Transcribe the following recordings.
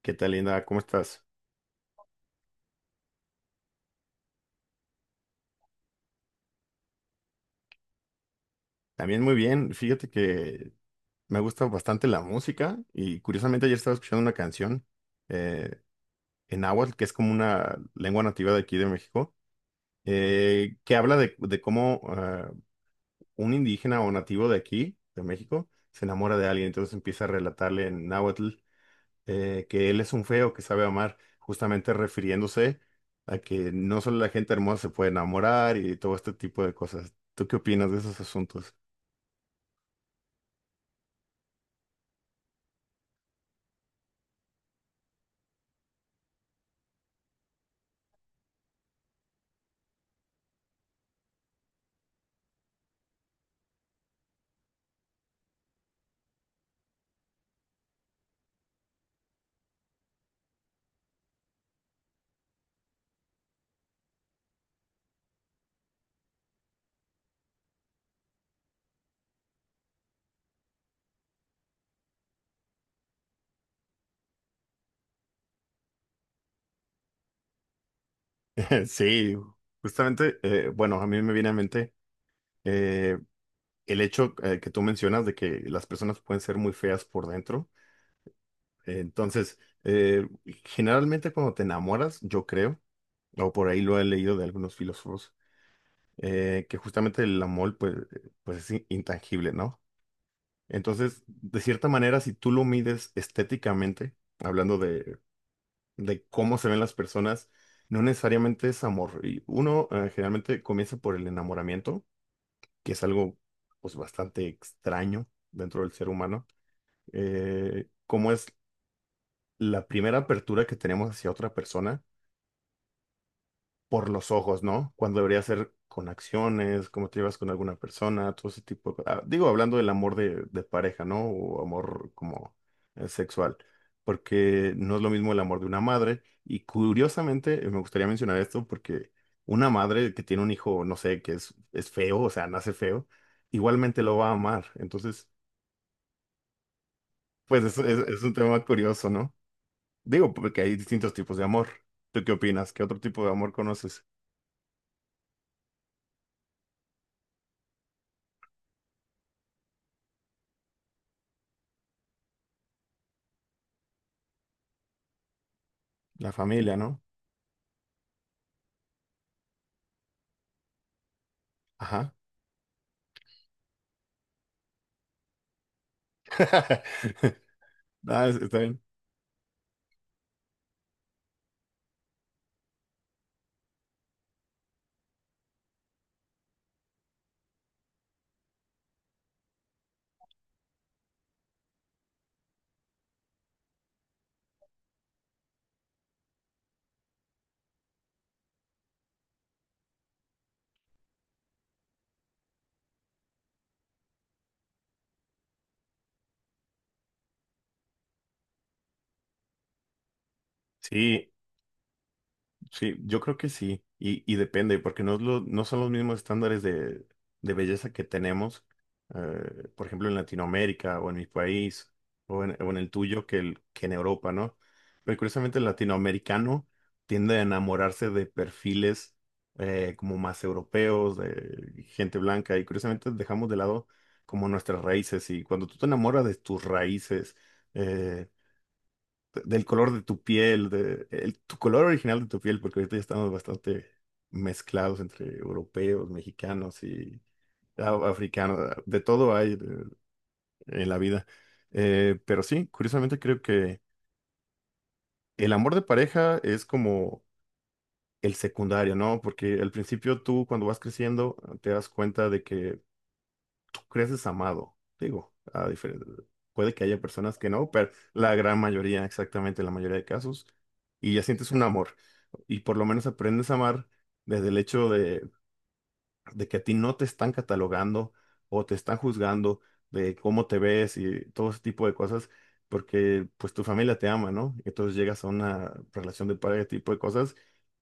¿Qué tal, Linda? ¿Cómo estás? También muy bien. Fíjate que me gusta bastante la música y curiosamente ayer estaba escuchando una canción eh, en náhuatl, que es como una lengua nativa de aquí de México, que habla de cómo un indígena o nativo de aquí, de México, se enamora de alguien. Entonces empieza a relatarle en náhuatl que él es un feo que sabe amar, justamente refiriéndose a que no solo la gente hermosa se puede enamorar y todo este tipo de cosas. ¿Tú qué opinas de esos asuntos? Sí, justamente, bueno, a mí me viene a mente eh, el hecho que tú mencionas de que las personas pueden ser muy feas por dentro. Entonces, eh, generalmente cuando te enamoras, yo creo, o por ahí lo he leído de algunos filósofos, que justamente el amor pues, pues es intangible, ¿no? Entonces, de cierta manera, si tú lo mides estéticamente, hablando de cómo se ven las personas, no necesariamente es amor. Y uno generalmente comienza por el enamoramiento que es algo pues bastante extraño dentro del ser humano, cómo es la primera apertura que tenemos hacia otra persona por los ojos, ¿no? Cuando debería ser con acciones, cómo te llevas con alguna persona, todo ese tipo de... digo, hablando del amor de pareja, ¿no? O amor como sexual, porque no es lo mismo el amor de una madre. Y curiosamente, me gustaría mencionar esto porque una madre que tiene un hijo, no sé, que es feo, o sea, nace feo, igualmente lo va a amar. Entonces, pues es un tema curioso, ¿no? Digo, porque hay distintos tipos de amor. ¿Tú qué opinas? ¿Qué otro tipo de amor conoces? La familia, ¿no? Ajá. Ah, está bien. Sí, sí, yo creo que sí, y depende, porque no, no son los mismos estándares de belleza que tenemos, por ejemplo, en Latinoamérica o en mi país o en el tuyo que, que en Europa, ¿no? Pero curiosamente el latinoamericano tiende a enamorarse de perfiles como más europeos, de gente blanca, y curiosamente dejamos de lado como nuestras raíces, y cuando tú te enamoras de tus raíces, eh, del color de tu piel, tu color original de tu piel, porque ahorita ya estamos bastante mezclados entre europeos, mexicanos y africanos, de todo hay en la vida. Pero sí, curiosamente creo que el amor de pareja es como el secundario, ¿no? Porque al principio tú cuando vas creciendo te das cuenta de que creces amado. Digo, puede que haya personas que no, pero la gran mayoría, exactamente la mayoría de casos, y ya sientes un amor. Y por lo menos aprendes a amar desde el hecho de que a ti no te están catalogando o te están juzgando de cómo te ves y todo ese tipo de cosas, porque pues tu familia te ama, ¿no? Entonces llegas a una relación de pareja, ese tipo de cosas,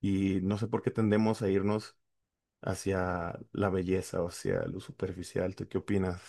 y no sé por qué tendemos a irnos hacia la belleza o hacia lo superficial. ¿Tú qué opinas?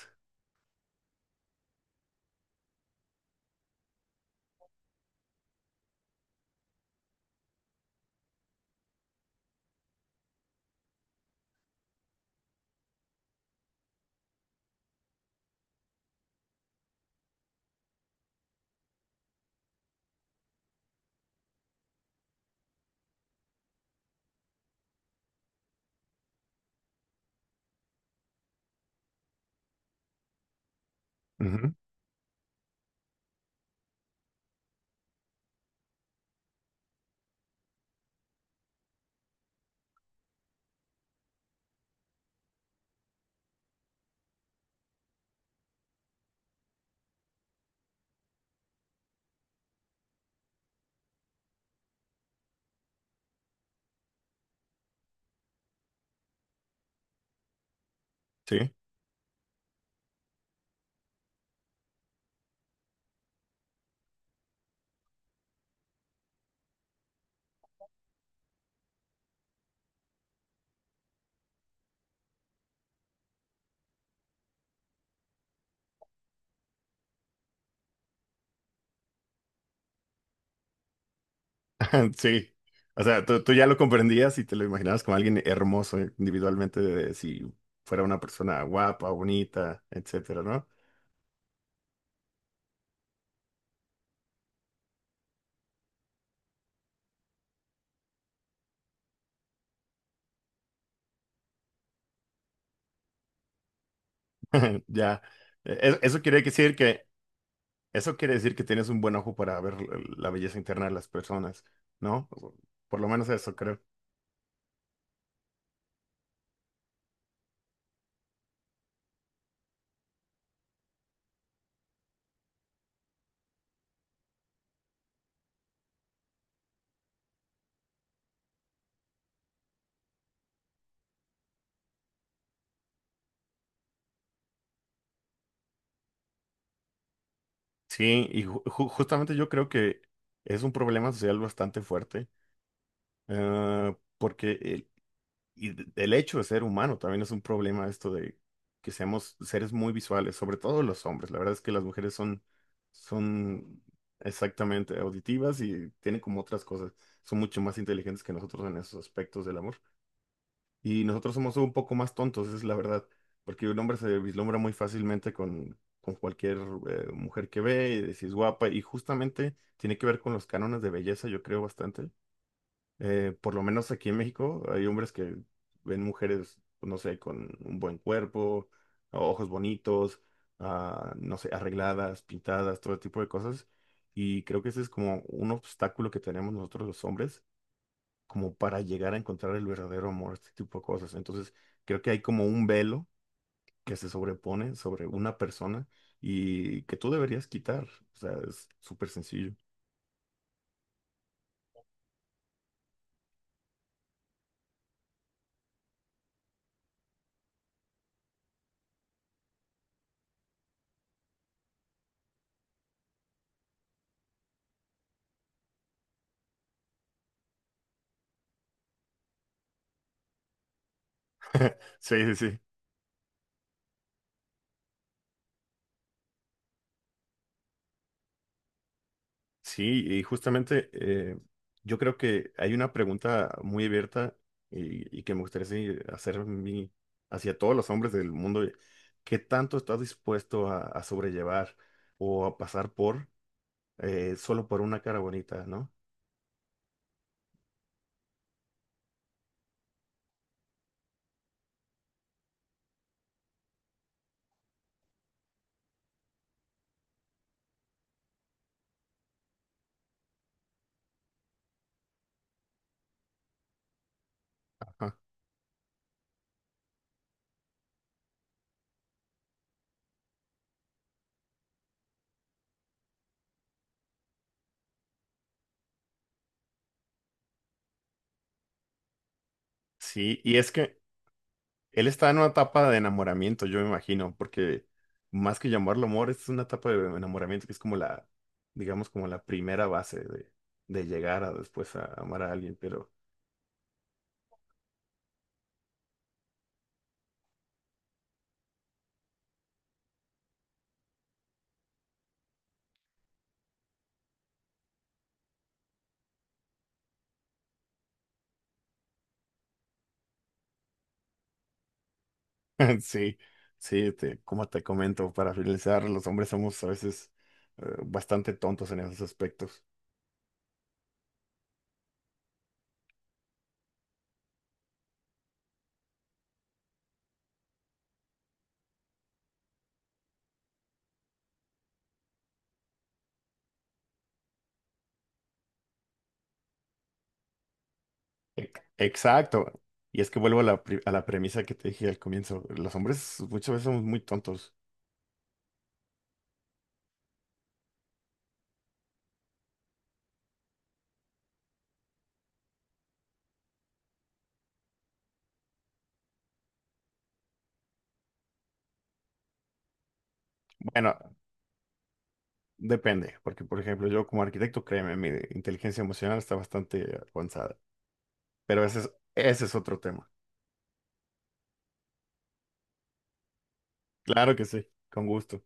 Sí, sí. O sea, tú ya lo comprendías y te lo imaginabas como alguien hermoso individualmente, si fuera una persona guapa, bonita, etcétera, ¿no? Ya. Eso quiere decir que, eso quiere decir que tienes un buen ojo para ver la belleza interna de las personas, ¿no? Por lo menos eso creo. Sí, y justamente yo creo que es un problema social bastante fuerte, porque y el hecho de ser humano también es un problema esto de que seamos seres muy visuales, sobre todo los hombres. La verdad es que las mujeres son exactamente auditivas y tienen como otras cosas. Son mucho más inteligentes que nosotros en esos aspectos del amor. Y nosotros somos un poco más tontos, es la verdad. Porque un hombre se vislumbra muy fácilmente con cualquier mujer que ve, y de si es guapa, y justamente tiene que ver con los cánones de belleza, yo creo bastante por lo menos aquí en México hay hombres que ven mujeres, pues, no sé, con un buen cuerpo, ojos bonitos, no sé, arregladas, pintadas, todo tipo de cosas. Y creo que ese es como un obstáculo que tenemos nosotros los hombres, como para llegar a encontrar el verdadero amor, este tipo de cosas. Entonces, creo que hay como un velo que se sobrepone sobre una persona y que tú deberías quitar. O sea, es súper sencillo. Sí, sí. Sí, y justamente yo creo que hay una pregunta muy abierta y que me gustaría sí, hacer hacia todos los hombres del mundo. ¿Qué tanto estás dispuesto a sobrellevar o a pasar por solo por una cara bonita, ¿no? Ajá. Sí, y es que él está en una etapa de enamoramiento, yo me imagino, porque más que llamarlo amor, es una etapa de enamoramiento que es como la, digamos, como la primera base de llegar a después a amar a alguien, pero... Sí, sí, como te comento, para finalizar, los hombres somos a veces bastante tontos en esos aspectos. E- Exacto. Y es que vuelvo a la, a la premisa que te dije al comienzo. Los hombres muchas veces somos muy tontos. Bueno, depende, porque por ejemplo, yo como arquitecto, créeme, mi inteligencia emocional está bastante avanzada. Pero ese ese es otro tema. Claro que sí, con gusto.